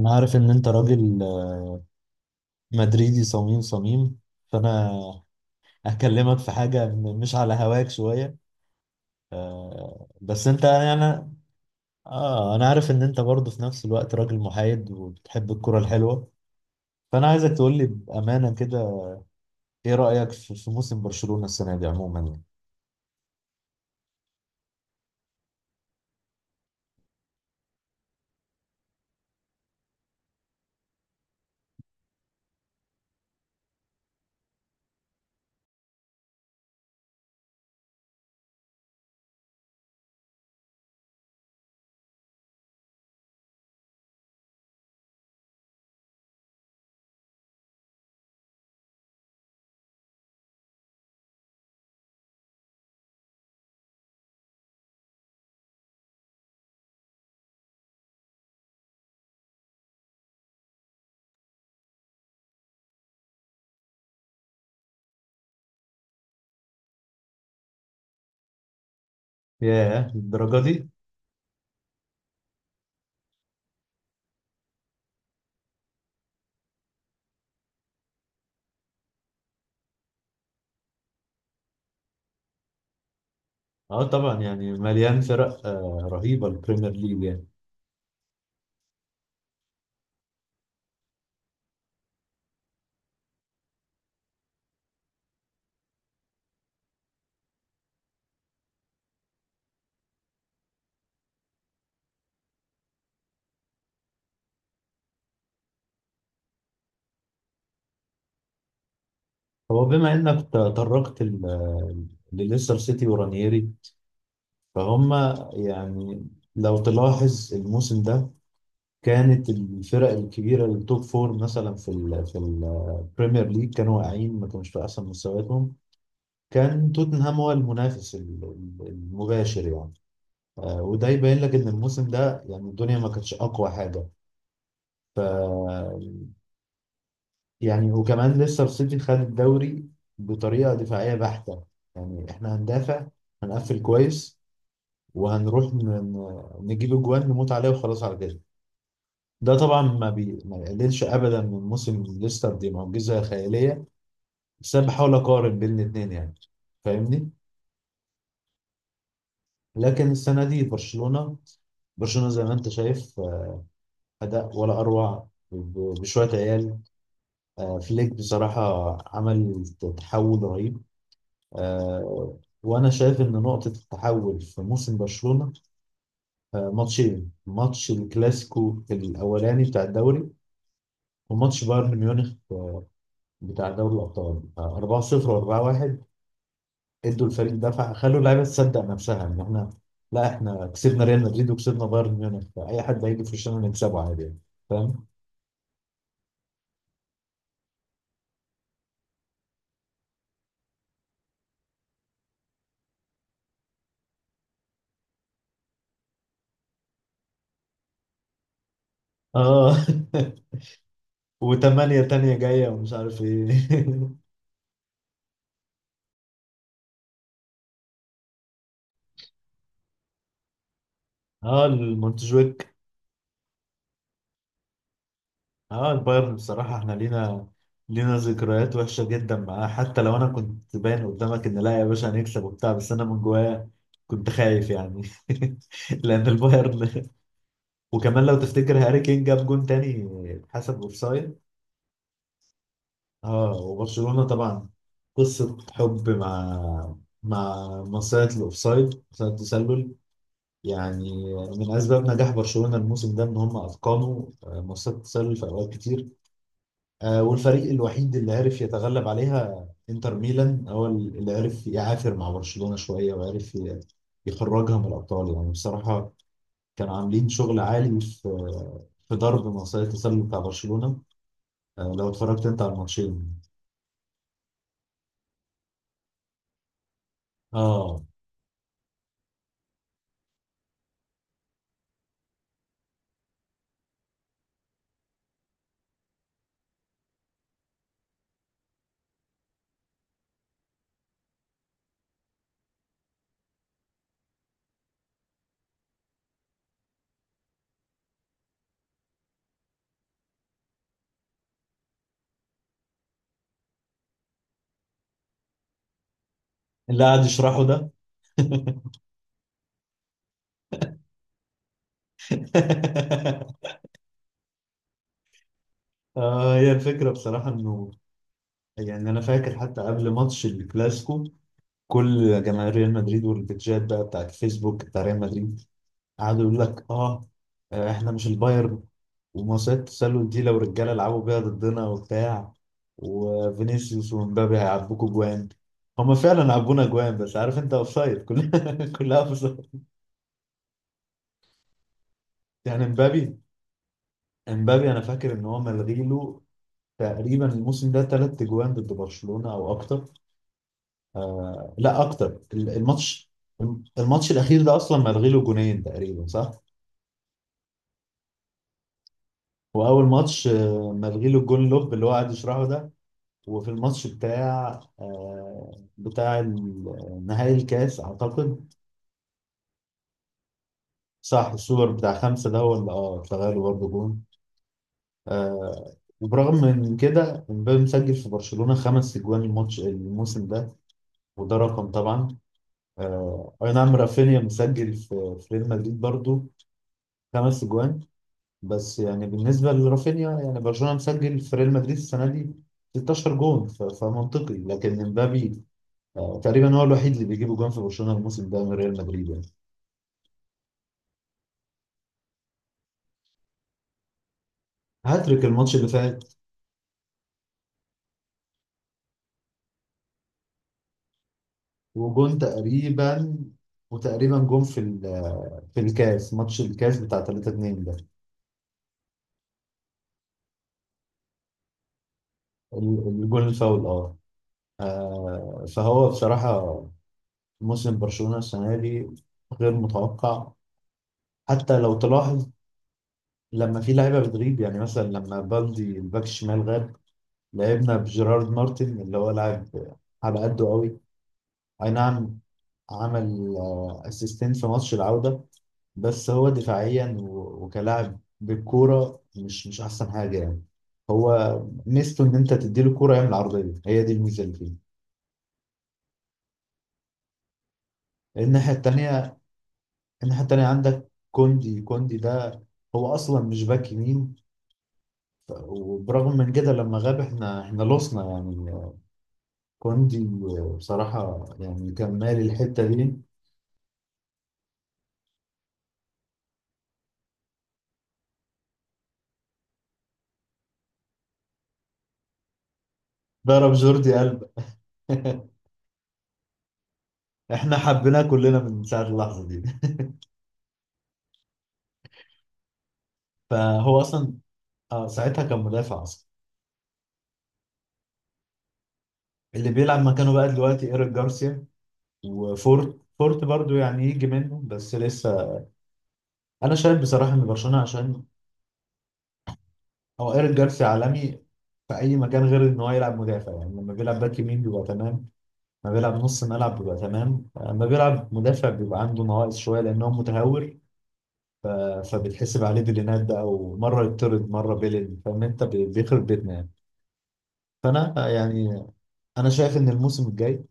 انا عارف ان انت راجل مدريدي صميم صميم. فانا هكلمك في حاجة مش على هواك شوية. بس انت يعني انا عارف ان انت برضه في نفس الوقت راجل محايد وبتحب الكرة الحلوة. فانا عايزك تقول لي بأمانة كده، ايه رأيك في موسم برشلونة السنة دي عموما يعني؟ ياه، الدرجة دي؟ اه طبعا يعني مليان فرق رهيبة البريمير ليج يعني. هو بما انك تطرقت لليستر سيتي ورانيري فهم، يعني لو تلاحظ الموسم ده كانت الفرق الكبيرة التوب فور مثلا في في البريمير ليج كانوا واقعين، ما كانوش في أحسن مستوياتهم. كان توتنهام هو المنافس المباشر يعني. وده يبين لك إن الموسم ده يعني الدنيا ما كانتش أقوى حاجة. ف يعني وكمان لسه السيتي خد الدوري بطريقة دفاعية بحتة، يعني إحنا هندافع، هنقفل كويس، وهنروح نجيب أجوان نموت عليه وخلاص على كده. ده طبعا ما يقللش ابدا من موسم ليستر، دي معجزه خياليه، بس انا بحاول اقارن بين الاثنين يعني، فاهمني. لكن السنه دي برشلونه، برشلونه زي ما انت شايف، اداء ولا اروع بشويه عيال. فليك بصراحه عمل تحول رهيب. وانا شايف ان نقطه التحول في موسم برشلونه ماتشين: ماتش الكلاسيكو الاولاني بتاع الدوري، وماتش بايرن ميونخ بتاع دوري الابطال، 4-0 و4-1. ادوا الفريق دفعه، خلوا اللعيبه تصدق نفسها ان احنا، لا احنا كسبنا ريال مدريد وكسبنا بايرن ميونخ، فاي حد هيجي في وشنا نكسبه عادي يعني. فاهم؟ اه. وثمانية تانية جاية ومش عارف ايه. اه المونتجويك. اه البايرن بصراحة، احنا لينا، لينا ذكريات وحشة جدا معاه. حتى لو انا كنت باين قدامك ان لا يا باشا هنكسب وبتاع، بس انا من جوايا كنت خايف يعني. لان البايرن. وكمان لو تفتكر هاري كين جاب جون تاني اتحسب اوفسايد. اه، وبرشلونة طبعا قصة حب مع مصيدة الأوفسايد، مصيدة التسلل. يعني من أسباب نجاح برشلونة الموسم ده إن هم أتقنوا مصيدة التسلل في أوقات كتير. والفريق الوحيد اللي عرف يتغلب عليها إنتر ميلان، هو اللي عرف يعافر مع برشلونة شوية وعرف يخرجها من الأبطال، يعني بصراحة كانوا عاملين شغل عالي في ضرب مصيدة التسلل بتاع برشلونة. لو اتفرجت أنت على الماتشين. اه، اللي قاعد يشرحه ده. هي الفكرة بصراحة إنه، يعني أنا فاكر حتى قبل ماتش الكلاسيكو، كل جماهير ريال مدريد والبيتجات بقى بتاعت فيسبوك بتاع ريال مدريد قعدوا يقول لك إحنا مش البايرن، ومصيدة التسلل دي لو رجالة لعبوا بيها ضدنا وبتاع، وفينيسيوس ومبابي هيعبوكوا جوان. هما فعلا عبونا جوان، بس عارف انت، اوفسايد كلها، كلها اوفسايد. يعني مبابي، مبابي انا فاكر ان هو ملغي له تقريبا الموسم ده 3 اجوان ضد برشلونة او اكتر. آه لا اكتر. الماتش، الماتش الاخير ده اصلا ملغي له جونين تقريبا، صح. واول ماتش ملغي له الجون لوب اللي هو قاعد يشرحه ده. وفي الماتش بتاع بتاع نهائي الكاس اعتقد. صح، السوبر بتاع خمسة ده هو اللي اه اتلغى له برضه جون. وبرغم من كده امبابي مسجل في برشلونة 5 اجوان الماتش الموسم ده، وده رقم طبعا. اي نعم، رافينيا مسجل في ريال مدريد برضو 5 اجوان، بس يعني بالنسبه لرافينيا، يعني برشلونه مسجل في ريال مدريد السنه دي 16 جون، فمنطقي. لكن امبابي تقريبا هو الوحيد اللي بيجيب جون في برشلونه الموسم ده من ريال مدريد يعني. هاتريك الماتش اللي فات وجون تقريبا. وتقريبا جون في في الكاس، ماتش الكاس بتاع 3-2 ده. الجون الفاول اه. فهو بصراحه موسم برشلونة السنة دي غير متوقع. حتى لو تلاحظ لما في لعيبة بتغيب، يعني مثلا لما بالدي الباك الشمال غاب لعبنا بجيرارد مارتن، اللي هو لاعب على قده قوي. أي نعم عمل اسيستين في ماتش العودة، بس هو دفاعيا وكلاعب بالكورة مش أحسن حاجة يعني. هو ميزته إن أنت تديله الكورة يعمل عرضية، هي دي الميزة اللي فيه. الناحية التانية، الناحية التانية عندك كوندي. كوندي ده هو اصلا مش باك يمين، وبرغم من كده لما غاب احنا لوسنا يعني. كوندي بصراحة يعني كان مالي الحتة دي. ضرب جوردي قلب. احنا حبيناه كلنا من ساعة اللحظة دي. فهو اصلا اه ساعتها كان مدافع اصلا. اللي بيلعب مكانه بقى دلوقتي ايريك جارسيا وفورت. فورت برضو يعني يجي منه بس لسه. انا شايف بصراحة ان برشلونة عشان، هو ايريك جارسيا عالمي في اي مكان غير ان هو يلعب مدافع. يعني لما بيلعب باك يمين بيبقى تمام، ما بيلعب نص ملعب بيبقى تمام، اما بيلعب مدافع بيبقى عنده نواقص شويه لان هو متهور. ف... فبتحسب عليه بالينات، ده او مره يطرد مره بيلين، فاهم انت، بيخرب بيتنا يعني. فانا يعني، انا شايف ان الموسم الجاي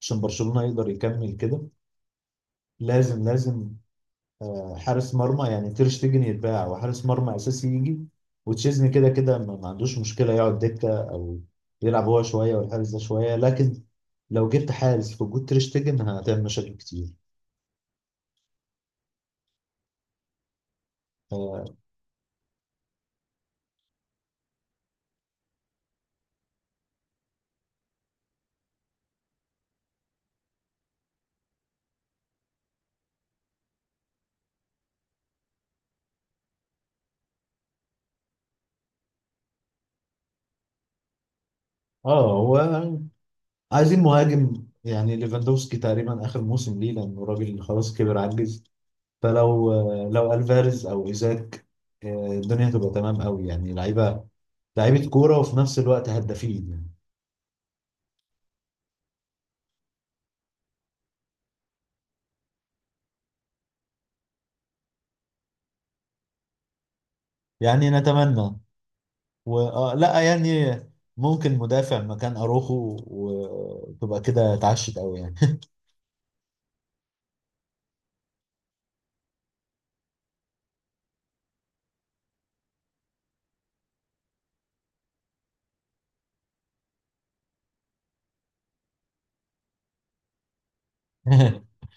عشان برشلونه يقدر يكمل كده لازم، لازم حارس مرمى. يعني تير شتيجن يتباع وحارس مرمى اساسي يجي، وتشيزني كده كده ما عندوش مشكله يقعد دكه، او يلعب هو شويه والحارس ده شويه. لكن لو جبت حارس في وجود تير شتيجن هتعمل مشاكل كتير. آه، اه هو عايزين مهاجم. يعني ليفاندوفسكي تقريبا اخر موسم ليه لانه راجل خلاص كبر عجز. فلو لو الفاريز او ايزاك الدنيا هتبقى تمام قوي. يعني لعيبه، لعيبه كوره وفي نفس الوقت هدافين يعني. يعني نتمنى. و... آه لا يعني ممكن مدافع مكان اروخو وتبقى كده اتعشت قوي يعني.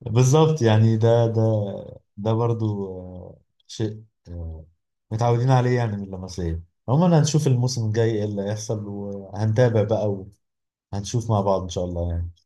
بالظبط يعني ده برضو شيء متعودين عليه يعني من اللمسية. عموما هنشوف الموسم الجاي ايه اللي هيحصل، وهنتابع بقى وهنشوف مع بعض ان شاء الله يعني.